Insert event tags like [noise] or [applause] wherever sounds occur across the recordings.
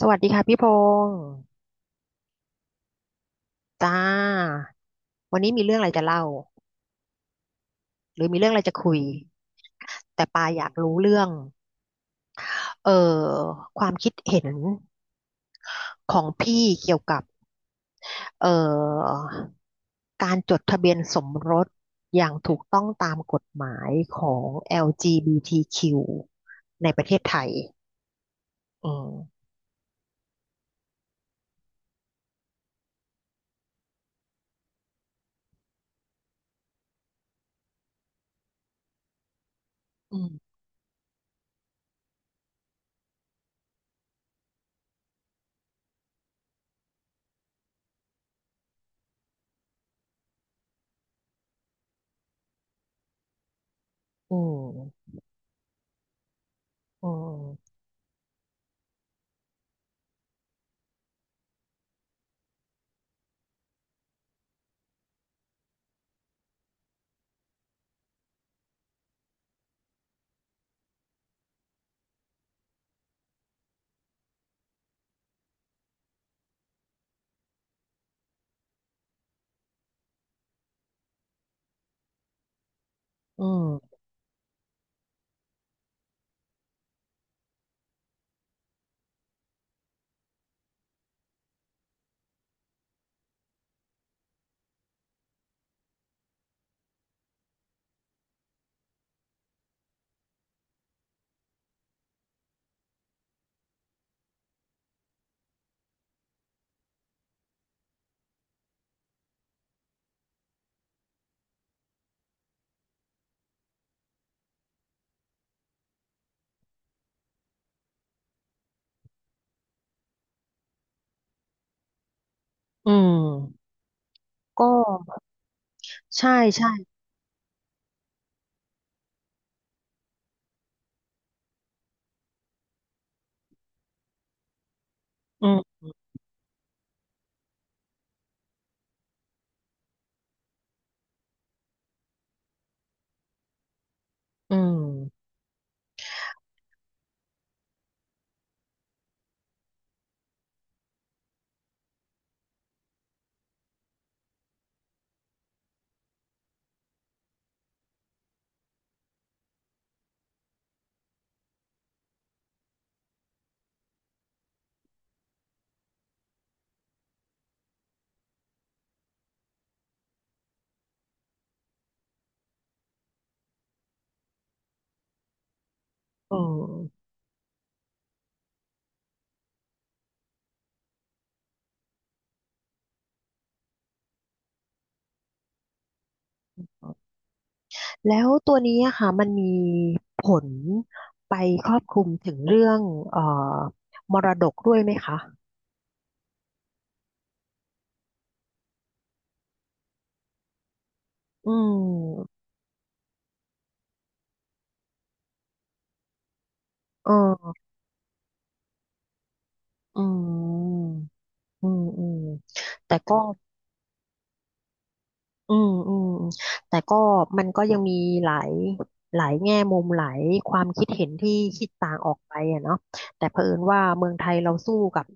สวัสดีค่ะพี่พงศ์จ้าวันนี้มีเรื่องอะไรจะเล่าหรือมีเรื่องอะไรจะคุยแต่ปาอยากรู้เรื่องเอ่อความคิดเห็นของพี่เกี่ยวกับเอ่อการจดทะเบียนสมรสอย่างถูกต้องตามกฎหมายของ LGBTQ ในประเทศไทยอืมอืมอืมอืมอืมอืมก็ใช่ใช่อืม อืมเออแล้วตัวนี้อะค่ะมันมีผลไปครอบคลุมถึงเรื่องเอ่อมรดกด้วยไหมคะอืมเอออืมอืมอืมแต่ก็ อืมอืมแต่ก็มันก็ยังมีหลายหลายแง่มุมหลายความคิดเห็นที่คิดต่างออกไปอะเนาะแต่เผอิญว่าเมืองไทยเราสู้กับ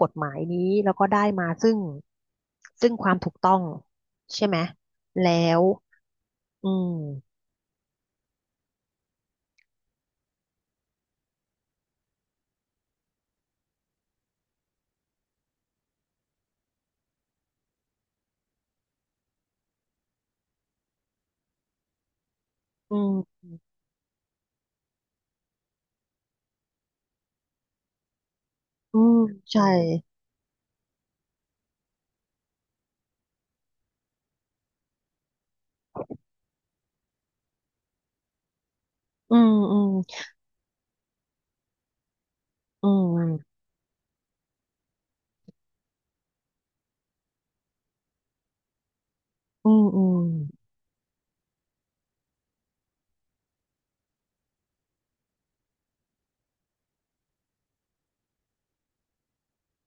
กฎหมายนี้แล้วก็ได้มาซึ่งความถูกต้องใช่ไหมแล้วอืมอืมอืมใช่อืมอืมอืมอืมอืม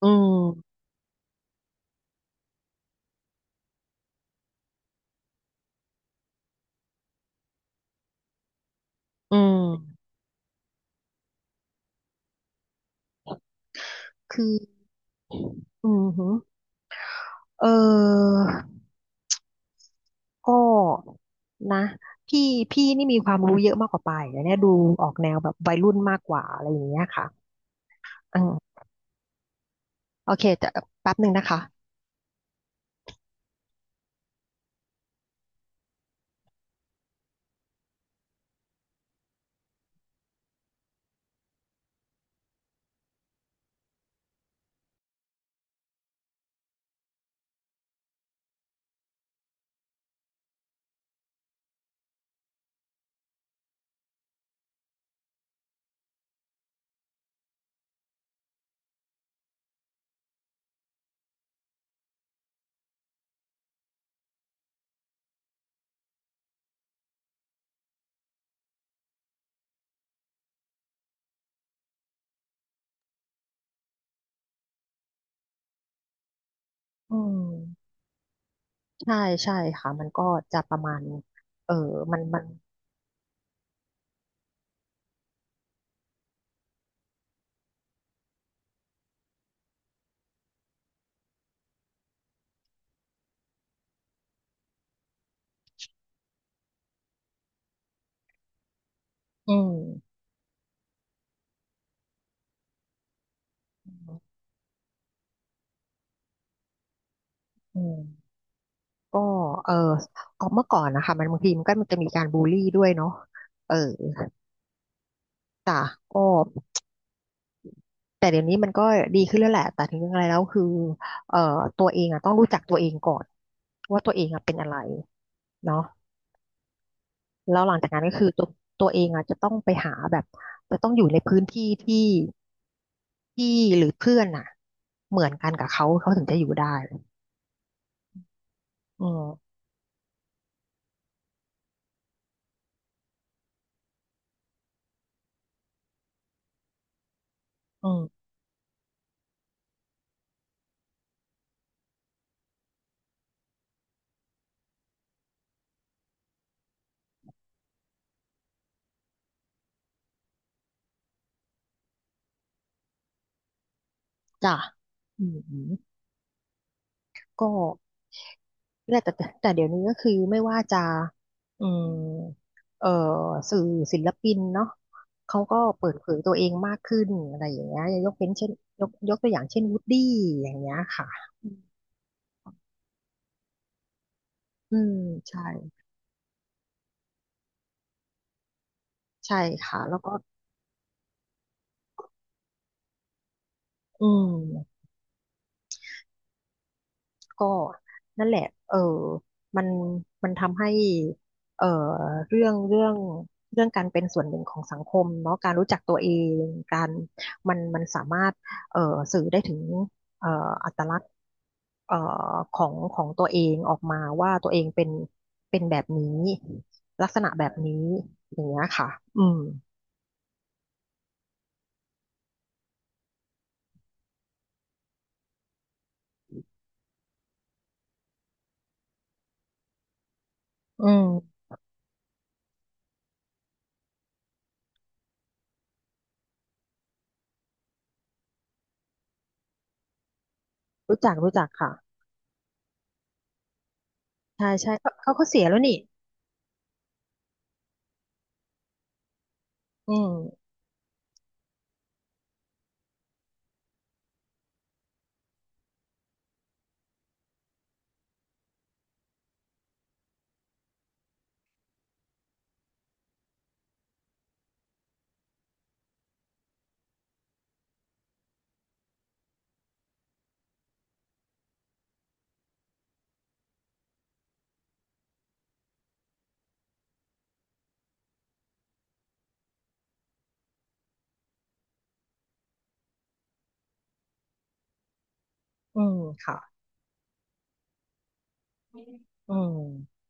อืมอืมคืออืมหือเออ ก็นะพี่พี่นี่มีความรู้เยอะมากกว่าปายอย่างเนี้ยดูออกแนวแบบวัยรุ่นมากกว่าอะไรอย่างเงี้ยค่ะอืมโอเคแต่แป๊บหนึ่งนะคะอืมใช่ใช่ค่ะมันก็จะประมาณเออมันอืมอืมก็เออออกเมื่อก่อนนะคะมันบางทีมันก็มันจะมีการบูลลี่ด้วยเนาะเออจ้ะก็แต่เดี๋ยวนี้มันก็ดีขึ้นแล้วแหละแต่ถึงยังไงแล้วคือเอ่อตัวเองอ่ะต้องรู้จักตัวเองก่อนว่าตัวเองอ่ะเป็นอะไรเนาะ แล้วหลังจากนั้นก็คือตัวเองอ่ะจะต้องไปหาแบบจะต้องอยู่ในพื้นที่ที่ที่หรือเพื่อนอ่ะเหมือนกันกับเขาเขาถึงจะอยู่ได้อืมอืมจ้ะอืมอืมก็เนี่ยแต่เดี๋ยวนี้ก็คือไม่ว่าจะอืมเอ่อสื่อศิลปินเนาะเขาก็เปิดเผยตัวเองมากขึ้นอะไรอย่างเงี้ยยกเป็นเช่นยกตัวอย่างเช่นวูดดี้อย่างเงี้ยค่ะอืมใช่ใช่ค่ะแล้วก็ อืมก็นั่นแหละเออมันมันทำให้เออเรื่องเรื่องเรื่องการเป็นส่วนหนึ่งของสังคมเนาะการรู้จักตัวเองการมันสามารถเออสื่อได้ถึงเอออัตลักษณ์เอ่อของของตัวเองออกมาว่าตัวเองเป็นเป็นแบบนี้ลักษณะแบบนี้อย่างเงี้ยค่ะอืมอืมรู้จักรู้จักค่ะใช่ใช่เขาเขาเขาเสียแล้วนี่อืมอืมค่ะอืม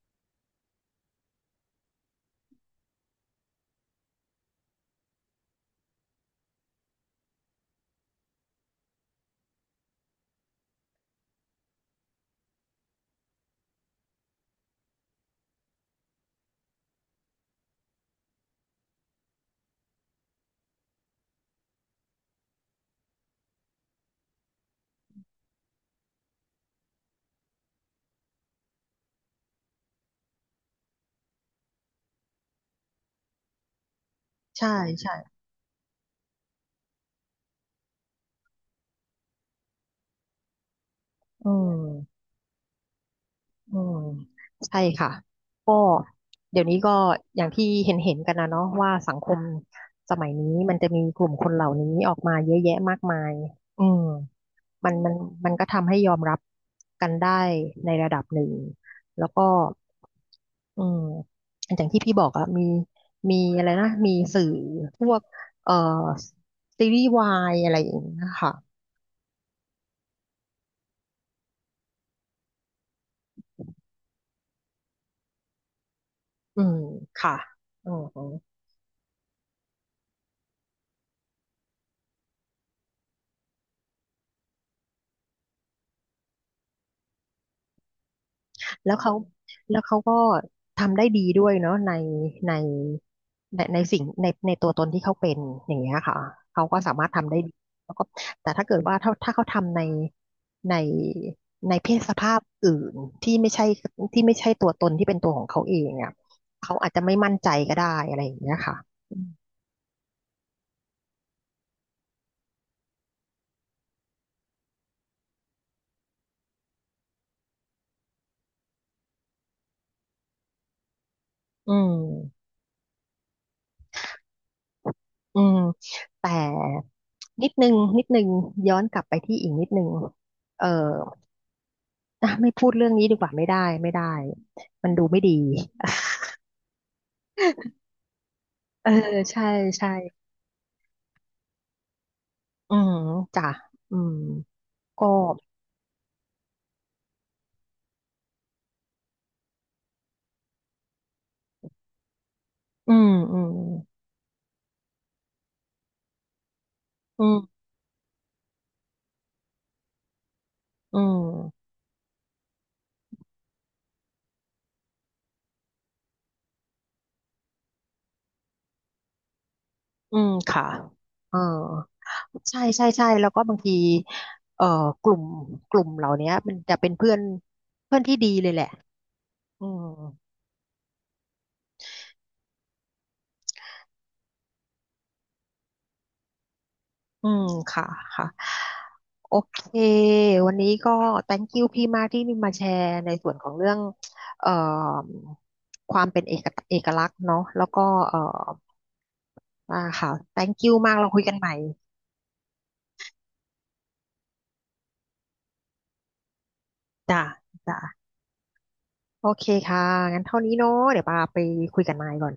ใช่ใช่อืมอืมใช่ค่ะ ก็เดี๋ยวนี้ก็อย่างที่เห็นเห็นกันนะเนาะว่าสังคมสมัยนี้มันจะมีกลุ่มคนเหล่านี้ออกมาเยอะแยะมากมายอืมมันมันมันก็ทำให้ยอมรับกันได้ในระดับหนึ่ง แล้วก็อืมอย่างที่พี่บอกอะมีอะไรนะมีสื่อพวกเอ่อซีรีส์วายอะไรอย่างเงี้ยค่ะอืมค่ะอืม แล้วเขาแล้วเขาก็ทำได้ดีด้วยเนาะในในสิ่งในตัวตนที่เขาเป็นอย่างเงี้ยค่ะเขาก็สามารถทำได้ดีแล้วก็แต่ถ้าเกิดว่าถ้าเขาทำในในในเพศสภาพอื่นที่ไม่ใช่ที่ไม่ใช่ตัวตนที่เป็นตัวของเขาเองอ่ะเขาอาจจะไม่มั่นใจก็ได้อะไรอย่างเงี้ยค่ะอืมอืมแต่นิดนึงนิดนึงย้อนกลับไปที่อีกนิดนึงเอ่อ อ่ะไม่พูดเรื่องนี้ดีกว่าไม่ได้ไม่ได้มันดูไม่ดี [laughs] เออใช่ใช่อืมจ้ะอืมก็อืมอืมอืมอืมอืมค่ะเออใช่ใช่ใช่แล้วก็บางทีเอ่อกลุ่มกลุ่มเหล่านี้มันจะเป็นเพื่อนเพื่อนที่ดีเลยแหละอืม อืมค่ะค่ะโอเควันนี้ก็ thank you พี่มากที่มาแชร์ในส่วนของเรื่องเอ่อความเป็นเอกลักษณ์เนาะแล้วก็เอ่ออ่าค่ะ thank you มากเราคุยกันใหม่จ้ะจ้ะโอเคค่ะงั้นเท่านี้เนาะเดี๋ยวปาไปคุยกับนายก่อน